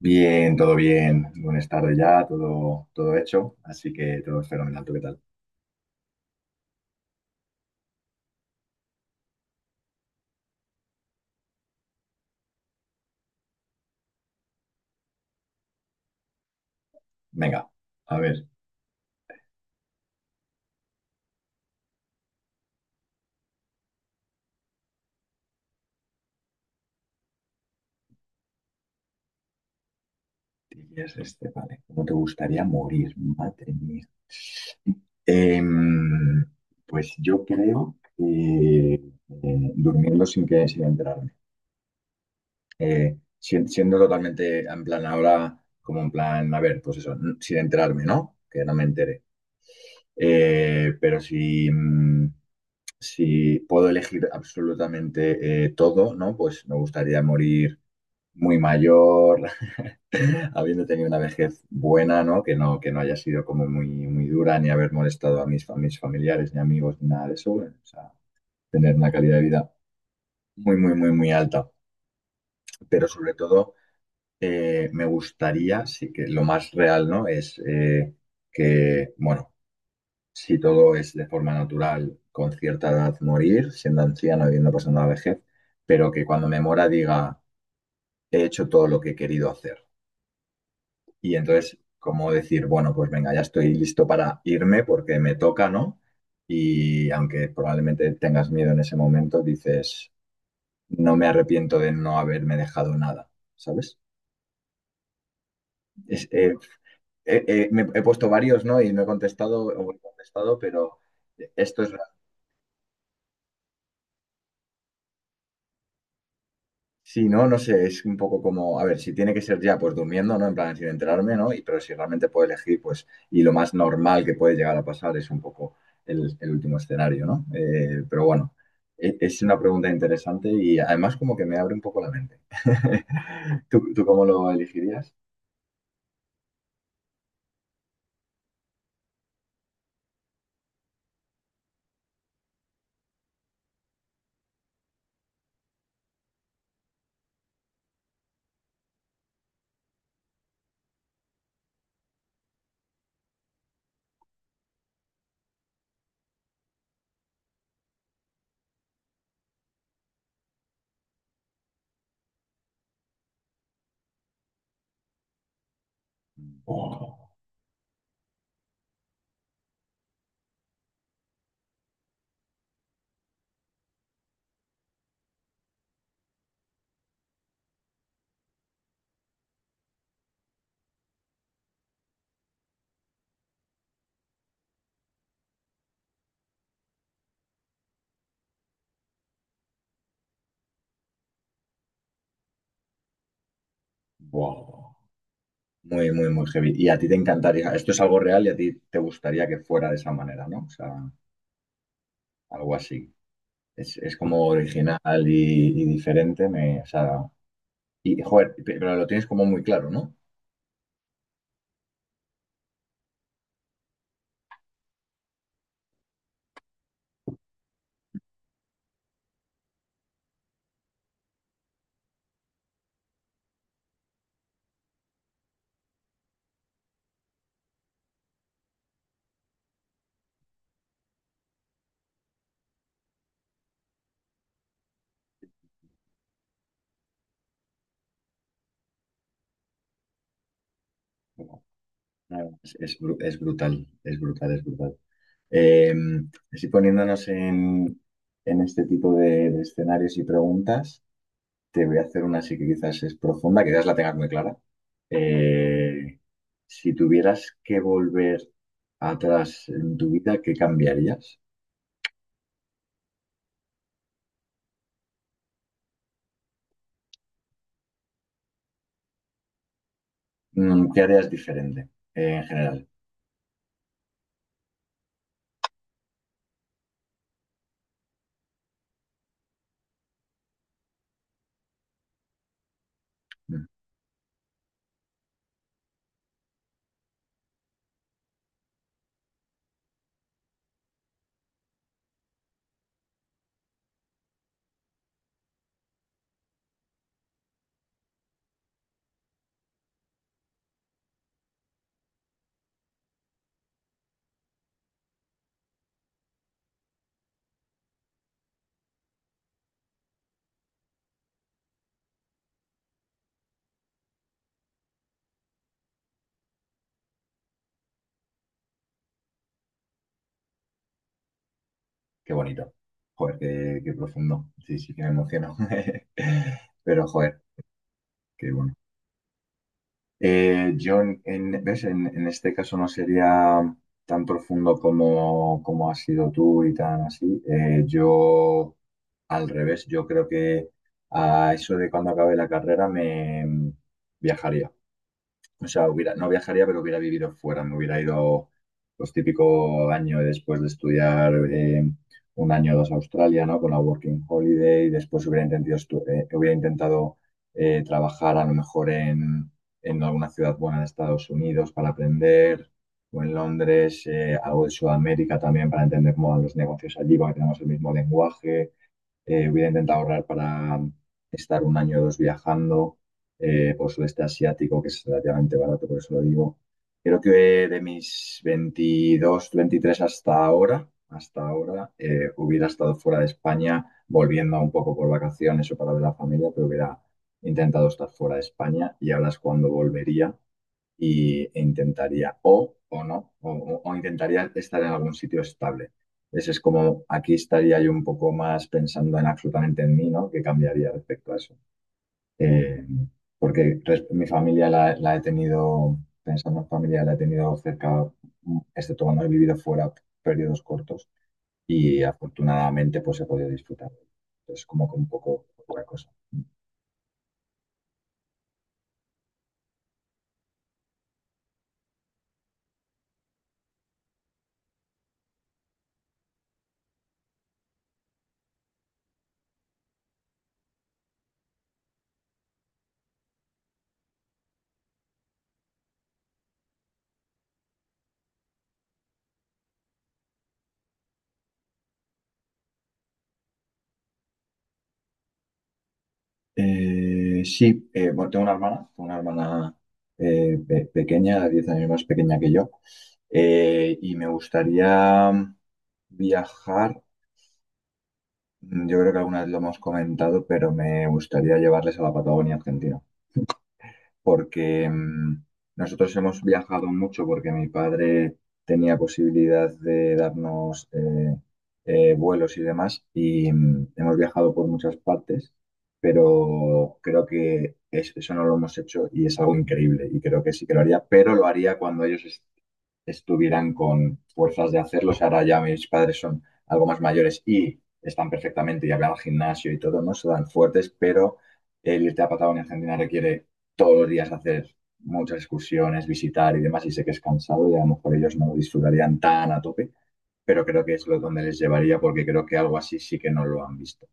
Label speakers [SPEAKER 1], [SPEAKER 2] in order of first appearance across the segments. [SPEAKER 1] Bien, todo bien. Buenas tardes ya, todo, todo hecho. Así que todo es fenomenal. ¿Tú qué tal? Venga, a ver. Tienes este, vale. ¿Cómo te gustaría morir? Madre mía. Em, pues yo creo que durmiendo sin enterarme. Siendo totalmente en plan ahora, como en plan, a ver, pues eso, sin enterarme, ¿no? Que no me entere. Pero si puedo elegir absolutamente todo, ¿no? Pues me gustaría morir muy mayor, habiendo tenido una vejez buena, ¿no? Que no haya sido como muy, muy dura, ni haber molestado a mis familiares, ni amigos, ni nada de eso. Bueno, o sea, tener una calidad de vida muy, muy, muy, muy alta. Pero sobre todo, me gustaría, sí que lo más real, ¿no? Es que, bueno, si todo es de forma natural, con cierta edad morir, siendo anciano, habiendo pasando la vejez, pero que cuando me muera diga, he hecho todo lo que he querido hacer. Y entonces, como decir, bueno, pues venga, ya estoy listo para irme porque me toca, ¿no? Y aunque probablemente tengas miedo en ese momento, dices, no me arrepiento de no haberme dejado nada, ¿sabes? Es- eh, Me he puesto varios, ¿no? Y no he contestado, o he contestado, pero esto es. Sí, no, no sé, es un poco como, a ver, si tiene que ser ya, pues durmiendo, ¿no? En plan, sin enterarme, ¿no? Pero si realmente puedo elegir, pues, y lo más normal que puede llegar a pasar es un poco el último escenario, ¿no? Pero bueno, es una pregunta interesante y además como que me abre un poco la mente. ¿Tú cómo lo elegirías? Wow, wow. Muy, muy, muy heavy. Y a ti te encantaría, esto es algo real y a ti te gustaría que fuera de esa manera, ¿no? O sea, algo así. Es como original y diferente, o sea, y joder, pero lo tienes como muy claro, ¿no? Como, nada, es brutal, es brutal, es brutal. Eh, Así poniéndonos en, este tipo de escenarios y preguntas, te voy a hacer una así que quizás es profunda, quizás la tengas muy clara. Eh, si tuvieras que volver atrás en tu vida, ¿qué cambiarías? ¿Qué harías diferente, en general? Mm. Qué bonito. Joder, qué profundo. Sí, sí que me emociono. Pero joder, qué bueno. Yo, ¿ves? En este caso no sería tan profundo como has sido tú y tan así. Yo, al revés, yo creo que a eso de cuando acabe la carrera me viajaría. O sea, hubiera, no viajaría, pero hubiera vivido fuera. Me hubiera ido los típico año después de estudiar un año o dos a Australia, ¿no? Con la Working Holiday. Después hubiera intentado trabajar a lo mejor en alguna ciudad buena de Estados Unidos para aprender, o en Londres, algo de Sudamérica también para entender cómo van los negocios allí, porque tenemos el mismo lenguaje. Hubiera intentado ahorrar para estar un año o dos viajando por sudeste asiático, que es relativamente barato, por eso lo digo. Creo que de mis 22 23 hasta ahora, hubiera estado fuera de España, volviendo un poco por vacaciones o para ver a la familia, pero hubiera intentado estar fuera de España y ahora es cuando volvería e intentaría, o no, o intentaría estar en algún sitio estable. Ese es como, aquí estaría yo un poco más pensando en absolutamente en mí, ¿no? ¿Qué cambiaría respecto a eso? Eh, Porque mi familia la he tenido, pensando en familia, la he tenido cerca, excepto cuando he vivido fuera periodos cortos y afortunadamente pues he podido disfrutar. Es como que un poco, poca cosa. Sí, bueno, tengo una hermana pequeña, 10 años más pequeña que yo, y me gustaría viajar, yo creo que alguna vez lo hemos comentado, pero me gustaría llevarles a la Patagonia Argentina porque nosotros hemos viajado mucho porque mi padre tenía posibilidad de darnos vuelos y demás y hemos viajado por muchas partes, pero creo que eso no lo hemos hecho y es algo increíble y creo que sí que lo haría, pero lo haría cuando ellos estuvieran con fuerzas de hacerlo. O sea, ahora ya mis padres son algo más mayores y están perfectamente, ya van al gimnasio y todo, no se dan fuertes, pero el irte a Patagonia, Argentina requiere todos los días hacer muchas excursiones, visitar y demás, y sé que es cansado y a lo mejor ellos no lo disfrutarían tan a tope, pero creo que es lo donde les llevaría porque creo que algo así sí que no lo han visto.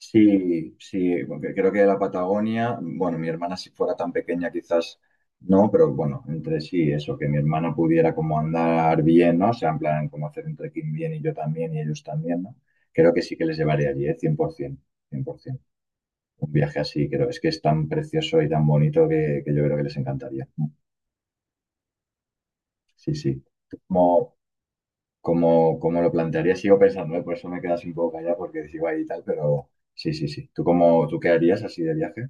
[SPEAKER 1] Sí, sí, porque creo que la Patagonia, bueno, mi hermana si fuera tan pequeña quizás no, pero bueno, entre sí, eso, que mi hermana pudiera como andar bien, ¿no? O sea, en plan, como hacer un trekking bien y yo también y ellos también, ¿no? Creo que sí que les llevaría allí, ¿eh? Cien por 100%. Un viaje así, creo. Es que es tan precioso y tan bonito que yo creo que les encantaría. Sí, sí. Como, como lo plantearía, sigo pensando, ¿eh? Por eso me quedas un poco callada porque sigo ahí y tal, pero sí, sí, sí. ¿Tú qué harías así de viaje?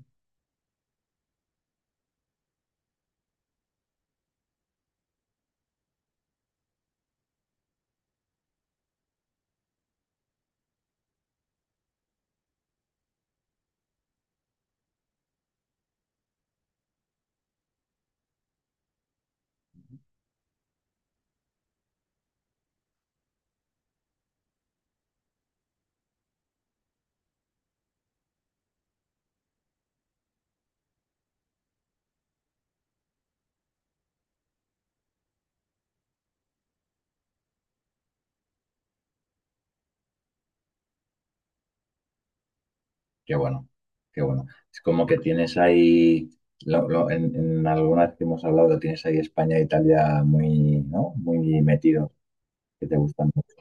[SPEAKER 1] Qué bueno, qué bueno. Es como que tienes ahí, en alguna vez que hemos hablado, tienes ahí España e Italia muy, ¿no? Muy metidos, que te gustan mucho.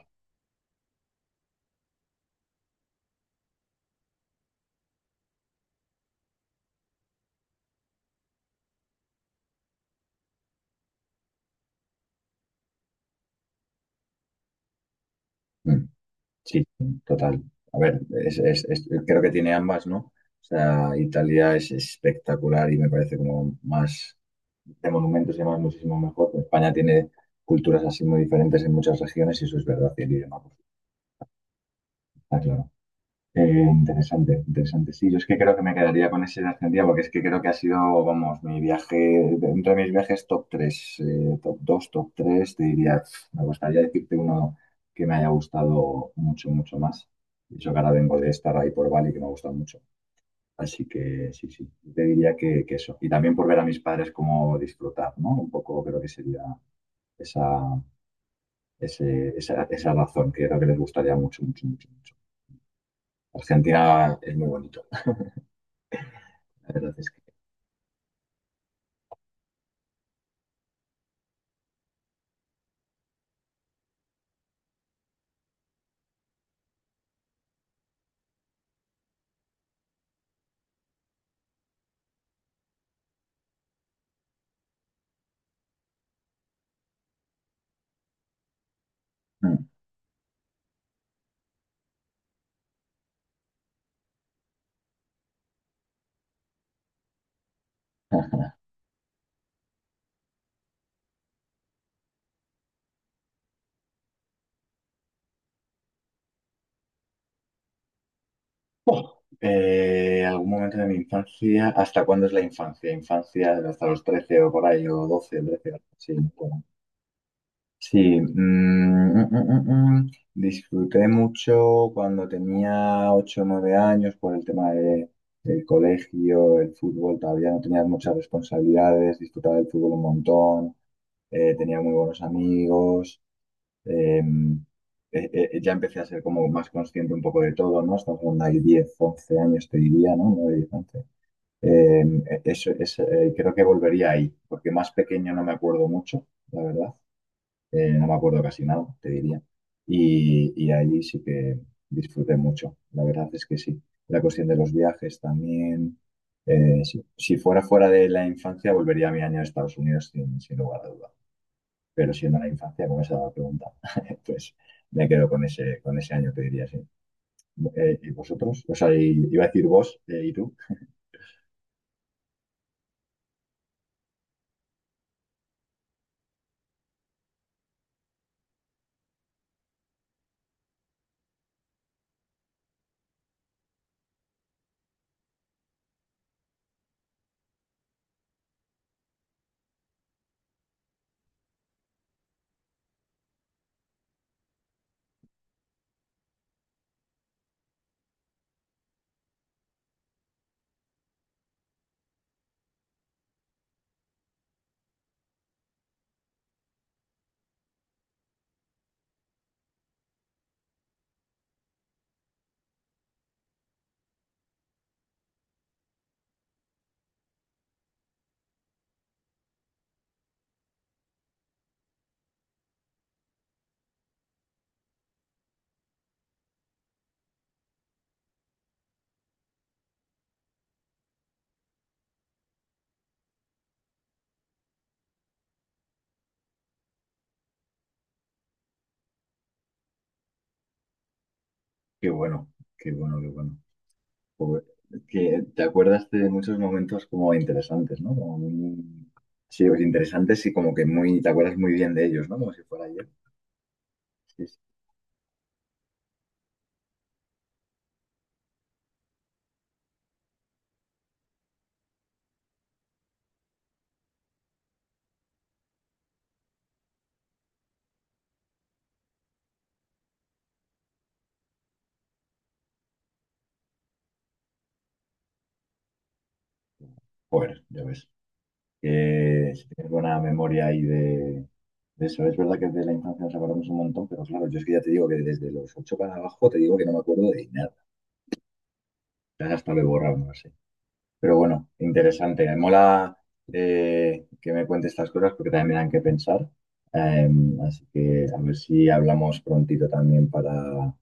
[SPEAKER 1] Mm. Sí, total. A ver, creo que tiene ambas, ¿no? O sea, Italia es espectacular y me parece como más de monumentos y demás muchísimo mejor. España tiene culturas así muy diferentes en muchas regiones y eso es verdad y el idioma, pues, está claro. Eh, Interesante, interesante. Sí, yo es que creo que me quedaría con ese de Argentina porque es que creo que ha sido, vamos, mi viaje, dentro de mis viajes top 3 top 2 top 3 te diría, pf, me gustaría decirte uno que me haya gustado mucho, mucho más. Y eso que ahora vengo de estar ahí por Bali, que me ha gustado mucho. Así que sí, sí, te diría que, eso. Y también por ver a mis padres cómo disfrutar, ¿no? Un poco creo que sería esa, esa razón que creo que les gustaría mucho, mucho, mucho, mucho. Argentina es muy bonito. La verdad es. Mm. Algún momento de mi infancia, ¿hasta cuándo es la infancia? Infancia hasta los 13 o por ahí, o 12 13 sí, bueno. Sí, mm, mm, mm, mm, mm. Disfruté mucho cuando tenía 8 o 9 años por el tema del colegio, el fútbol, todavía no tenía muchas responsabilidades, disfrutaba del fútbol un montón, tenía muy buenos amigos. Em, ya empecé a ser como más consciente un poco de todo, ¿no? Estamos hablando de 10, 11 años, te diría, ¿no? 9, 10, 11. Eso es, creo que volvería ahí, porque más pequeño no me acuerdo mucho, la verdad. No me acuerdo casi nada, te diría. Y ahí sí que disfruté mucho, la verdad es que sí. La cuestión de los viajes también. Sí. Si, fuera de la infancia, volvería a mi año de Estados Unidos sin lugar a dudas, pero siendo la infancia, como esa pregunta, pues me quedo con ese año, te diría, sí. ¿Y vosotros? O sea, iba a decir vos y tú. Qué bueno, qué bueno, qué bueno. Joder, que te acuerdas de muchos momentos como interesantes, ¿no? Como muy... Sí, pues, interesantes y como que muy, te acuerdas muy bien de ellos, ¿no? Como si fuera ayer. Sí, sí. Joder, ya ves. Que si tienes buena memoria ahí de eso. Es verdad que de la infancia nos acordamos un montón, pero claro, yo es que ya te digo que desde los 8 para abajo te digo que no me acuerdo de nada. Ya hasta lo he borrado, no lo sé. Pero bueno, interesante. Me mola que me cuentes estas cosas porque también me dan que pensar. Eh, Así que a ver si hablamos prontito también para,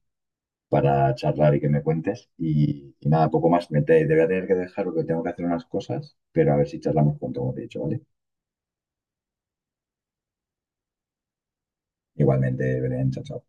[SPEAKER 1] para charlar y que me cuentes. Y nada, poco más. Te voy a tener que dejar porque tengo que hacer unas cosas, pero a ver si charlamos pronto, como te he dicho, ¿vale? Igualmente, Belén, chao, chao.